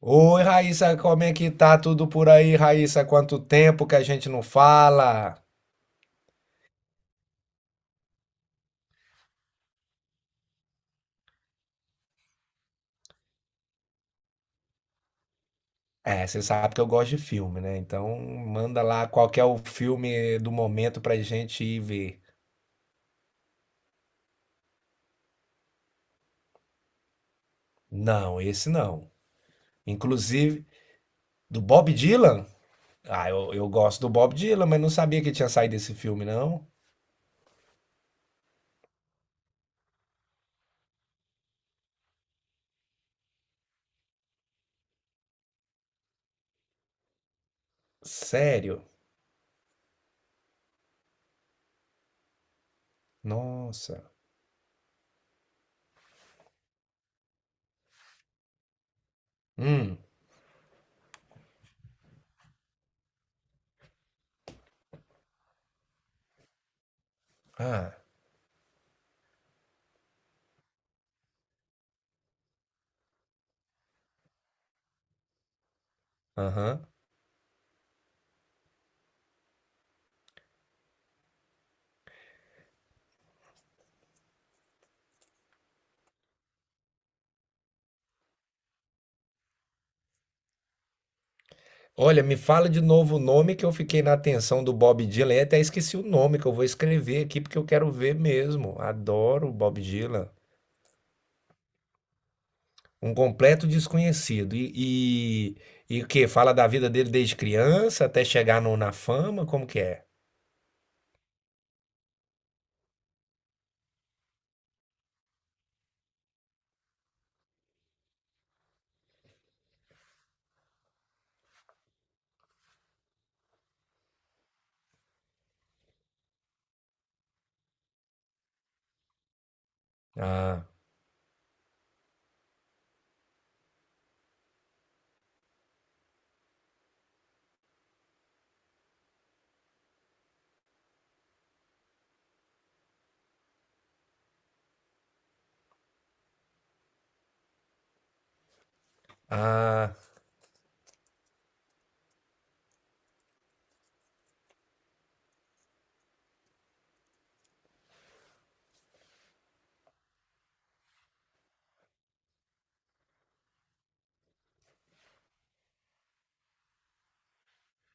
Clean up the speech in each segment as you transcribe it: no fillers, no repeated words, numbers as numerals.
Oi, Raíssa, como é que tá tudo por aí, Raíssa? Quanto tempo que a gente não fala? É, você sabe que eu gosto de filme, né? Então manda lá qual que é o filme do momento pra gente ir ver. Não, esse não. Inclusive, do Bob Dylan? Ah, eu gosto do Bob Dylan, mas não sabia que tinha saído esse filme, não. Sério? Nossa. Hum. Ah, aham. Olha, me fala de novo o nome que eu fiquei na atenção do Bob Dylan e até esqueci o nome que eu vou escrever aqui porque eu quero ver mesmo. Adoro o Bob Dylan. Um completo desconhecido. E, e o quê? Fala da vida dele desde criança até chegar na fama? Como que é? Ah, ah,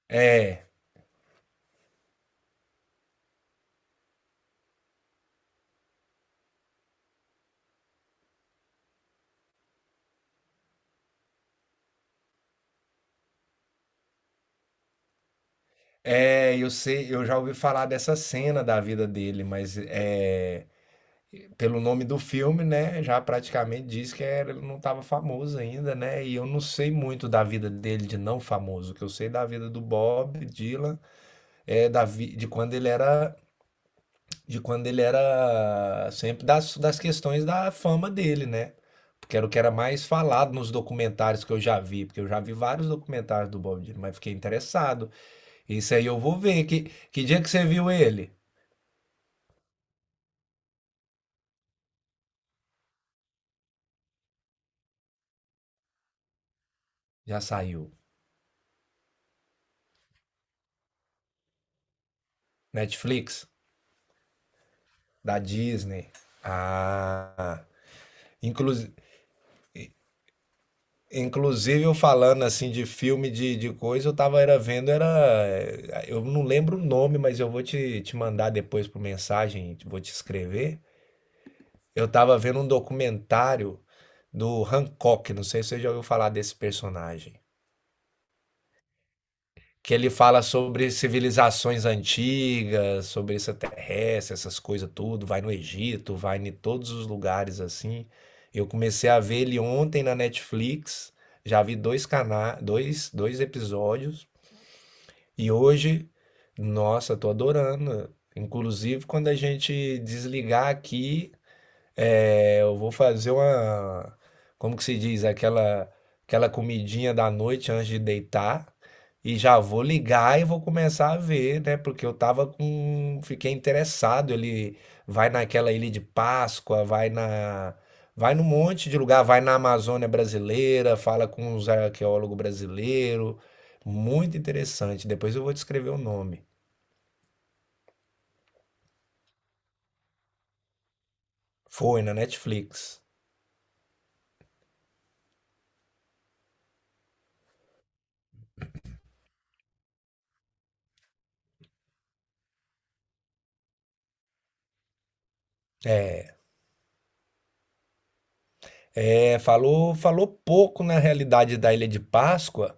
é. É, eu sei, eu já ouvi falar dessa cena da vida dele, mas é, pelo nome do filme, né, já praticamente diz que ele não estava famoso ainda, né? E eu não sei muito da vida dele de não famoso. O que eu sei da vida do Bob Dylan é de quando ele era de quando ele era sempre das, das questões da fama dele, né? Porque era o que era mais falado nos documentários que eu já vi, porque eu já vi vários documentários do Bob Dylan, mas fiquei interessado. Isso aí eu vou ver. Que dia que você viu ele? Já saiu. Netflix? Da Disney. Ah. Inclusive, inclusive eu falando assim de filme de coisa, eu tava era vendo, era. Eu não lembro o nome, mas eu vou te mandar depois por mensagem, vou te escrever. Eu tava vendo um documentário do Hancock, não sei se você já ouviu falar desse personagem, que ele fala sobre civilizações antigas, sobre extraterrestre, essas coisas tudo, vai no Egito, vai em todos os lugares assim. Eu comecei a ver ele ontem na Netflix, já vi dois, dois episódios, e hoje, nossa, tô adorando. Inclusive, quando a gente desligar aqui, é, eu vou fazer uma, como que se diz, aquela comidinha da noite antes de deitar e já vou ligar e vou começar a ver, né? Porque eu tava com, fiquei interessado, ele vai naquela ilha de Páscoa, vai num monte de lugar, vai na Amazônia brasileira, fala com os arqueólogos brasileiros. Muito interessante. Depois eu vou te escrever o nome. Foi na Netflix. É, é, falou, falou pouco na realidade da Ilha de Páscoa,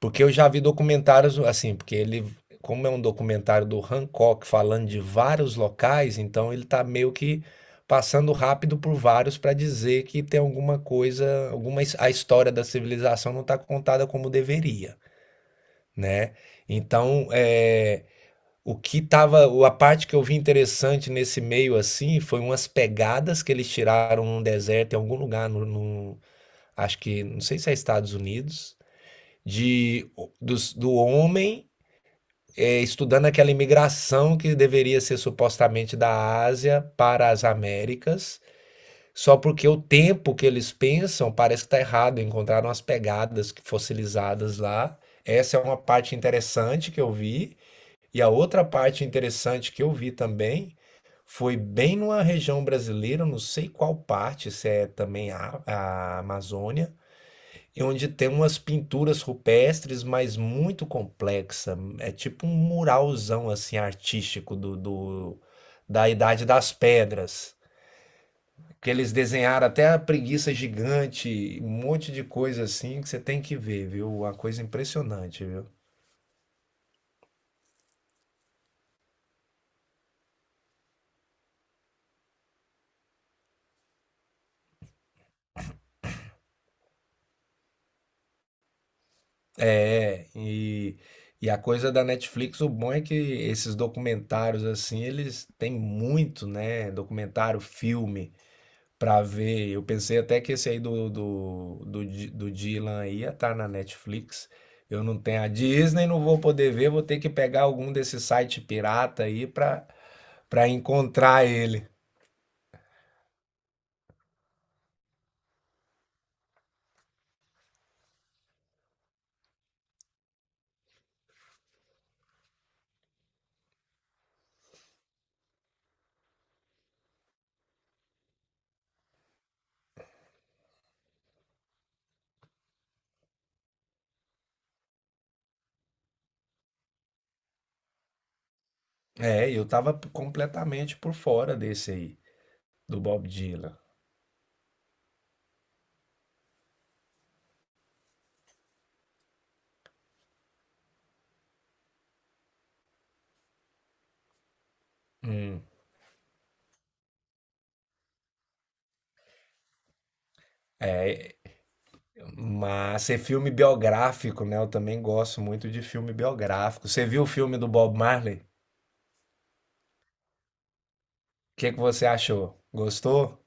porque eu já vi documentários assim, porque ele, como é um documentário do Hancock falando de vários locais, então ele tá meio que passando rápido por vários para dizer que tem alguma coisa, alguma a história da civilização não está contada como deveria, né? Então, é, o que tava, a parte que eu vi interessante nesse meio assim, foi umas pegadas que eles tiraram num deserto em algum lugar no, acho que, não sei se é Estados Unidos, de do homem é, estudando aquela imigração que deveria ser supostamente da Ásia para as Américas, só porque o tempo que eles pensam parece que está errado, encontraram as pegadas fossilizadas lá. Essa é uma parte interessante que eu vi, e a outra parte interessante que eu vi também foi bem numa região brasileira, não sei qual parte, se é também a Amazônia, e onde tem umas pinturas rupestres, mas muito complexa. É tipo um muralzão assim artístico da Idade das Pedras, que eles desenharam até a preguiça gigante, um monte de coisa assim que você tem que ver, viu? Uma coisa impressionante, viu? É, e a coisa da Netflix, o bom é que esses documentários assim, eles têm muito, né? Documentário, filme. Pra ver, eu pensei até que esse aí do Dylan ia estar na Netflix. Eu não tenho a Disney, não vou poder ver, vou ter que pegar algum desses site pirata aí pra para encontrar ele. É, eu tava completamente por fora desse aí, do Bob Dylan. Hum. É, mas é filme biográfico, né? Eu também gosto muito de filme biográfico. Você viu o filme do Bob Marley? O que que você achou? Gostou?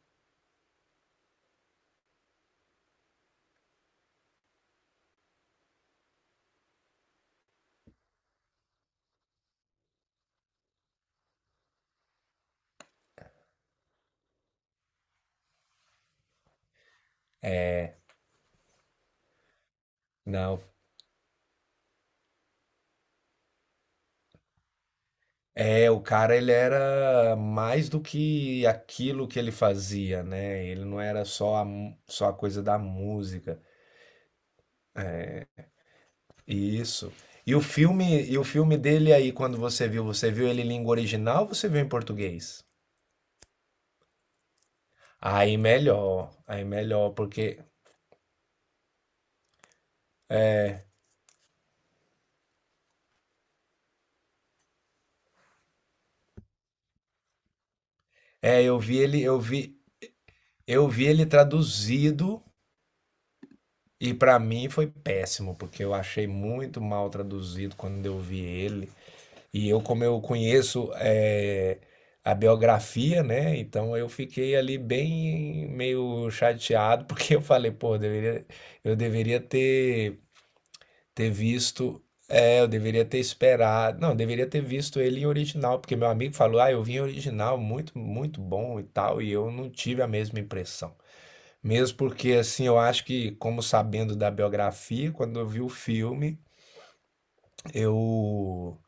Não, é, o cara ele era mais do que aquilo que ele fazia, né? Ele não era só só a coisa da música. E isso. E o filme dele aí, quando você viu ele em língua original ou você viu em português? Aí melhor, porque é, eu vi ele traduzido e pra mim foi péssimo, porque eu achei muito mal traduzido quando eu vi ele. E eu, como eu conheço é, a biografia, né? Então eu fiquei ali bem meio chateado, porque eu falei, pô, eu deveria, eu deveria ter, ter visto. É, eu deveria ter esperado. Não, eu deveria ter visto ele em original, porque meu amigo falou, ah, eu vi em original, muito, muito bom e tal, e eu não tive a mesma impressão. Mesmo porque, assim, eu acho que, como sabendo da biografia, quando eu vi o filme, eu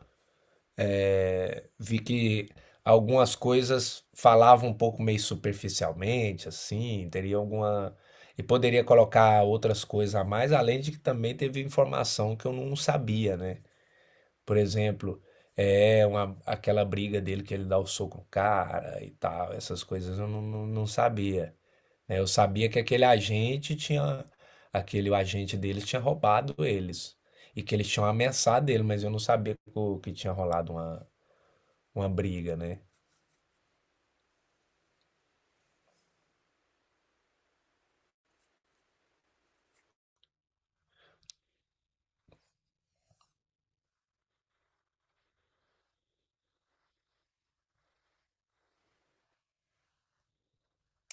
vi que algumas coisas falavam um pouco meio superficialmente, assim, teria alguma. E poderia colocar outras coisas a mais, além de que também teve informação que eu não sabia, né? Por exemplo, é uma, aquela briga dele que ele dá o soco no cara e tal, essas coisas eu não sabia, né? Eu sabia que aquele agente tinha. Aquele agente deles tinha roubado eles. E que eles tinham ameaçado ele, mas eu não sabia que que tinha rolado uma briga, né?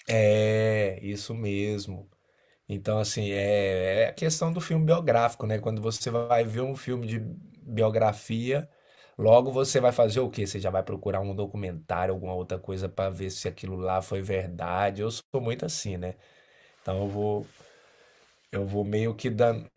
É, isso mesmo. Então, assim, é, é a questão do filme biográfico, né? Quando você vai ver um filme de biografia, logo você vai fazer o quê? Você já vai procurar um documentário, alguma outra coisa para ver se aquilo lá foi verdade. Eu sou muito assim, né? Então eu vou meio que dando.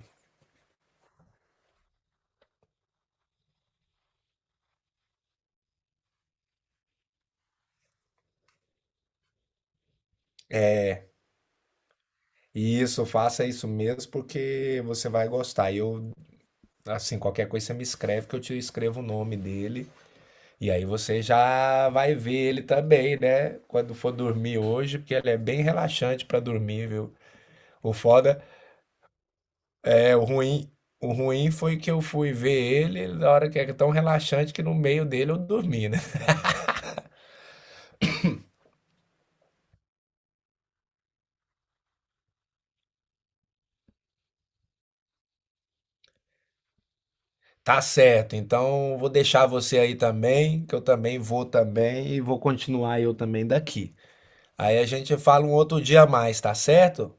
Isso, faça isso mesmo porque você vai gostar. E eu, assim, qualquer coisa você me escreve que eu te escrevo o nome dele. E aí você já vai ver ele também, né? Quando for dormir hoje, porque ele é bem relaxante para dormir, viu? O foda é o ruim. O ruim foi que eu fui ver ele na hora que é tão relaxante que no meio dele eu dormi, né? Tá certo. Então vou deixar você aí também, que eu também vou também e vou continuar eu também daqui. Aí a gente fala um outro dia a mais, tá certo?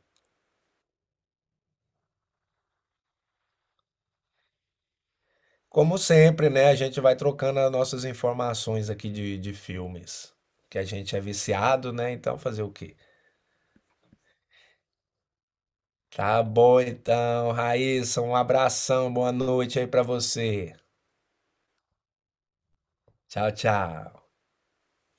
Como sempre, né? A gente vai trocando as nossas informações aqui de filmes. Que a gente é viciado, né? Então fazer o quê? Tá bom, então, Raíssa, um abração, boa noite aí pra você. Tchau, tchau.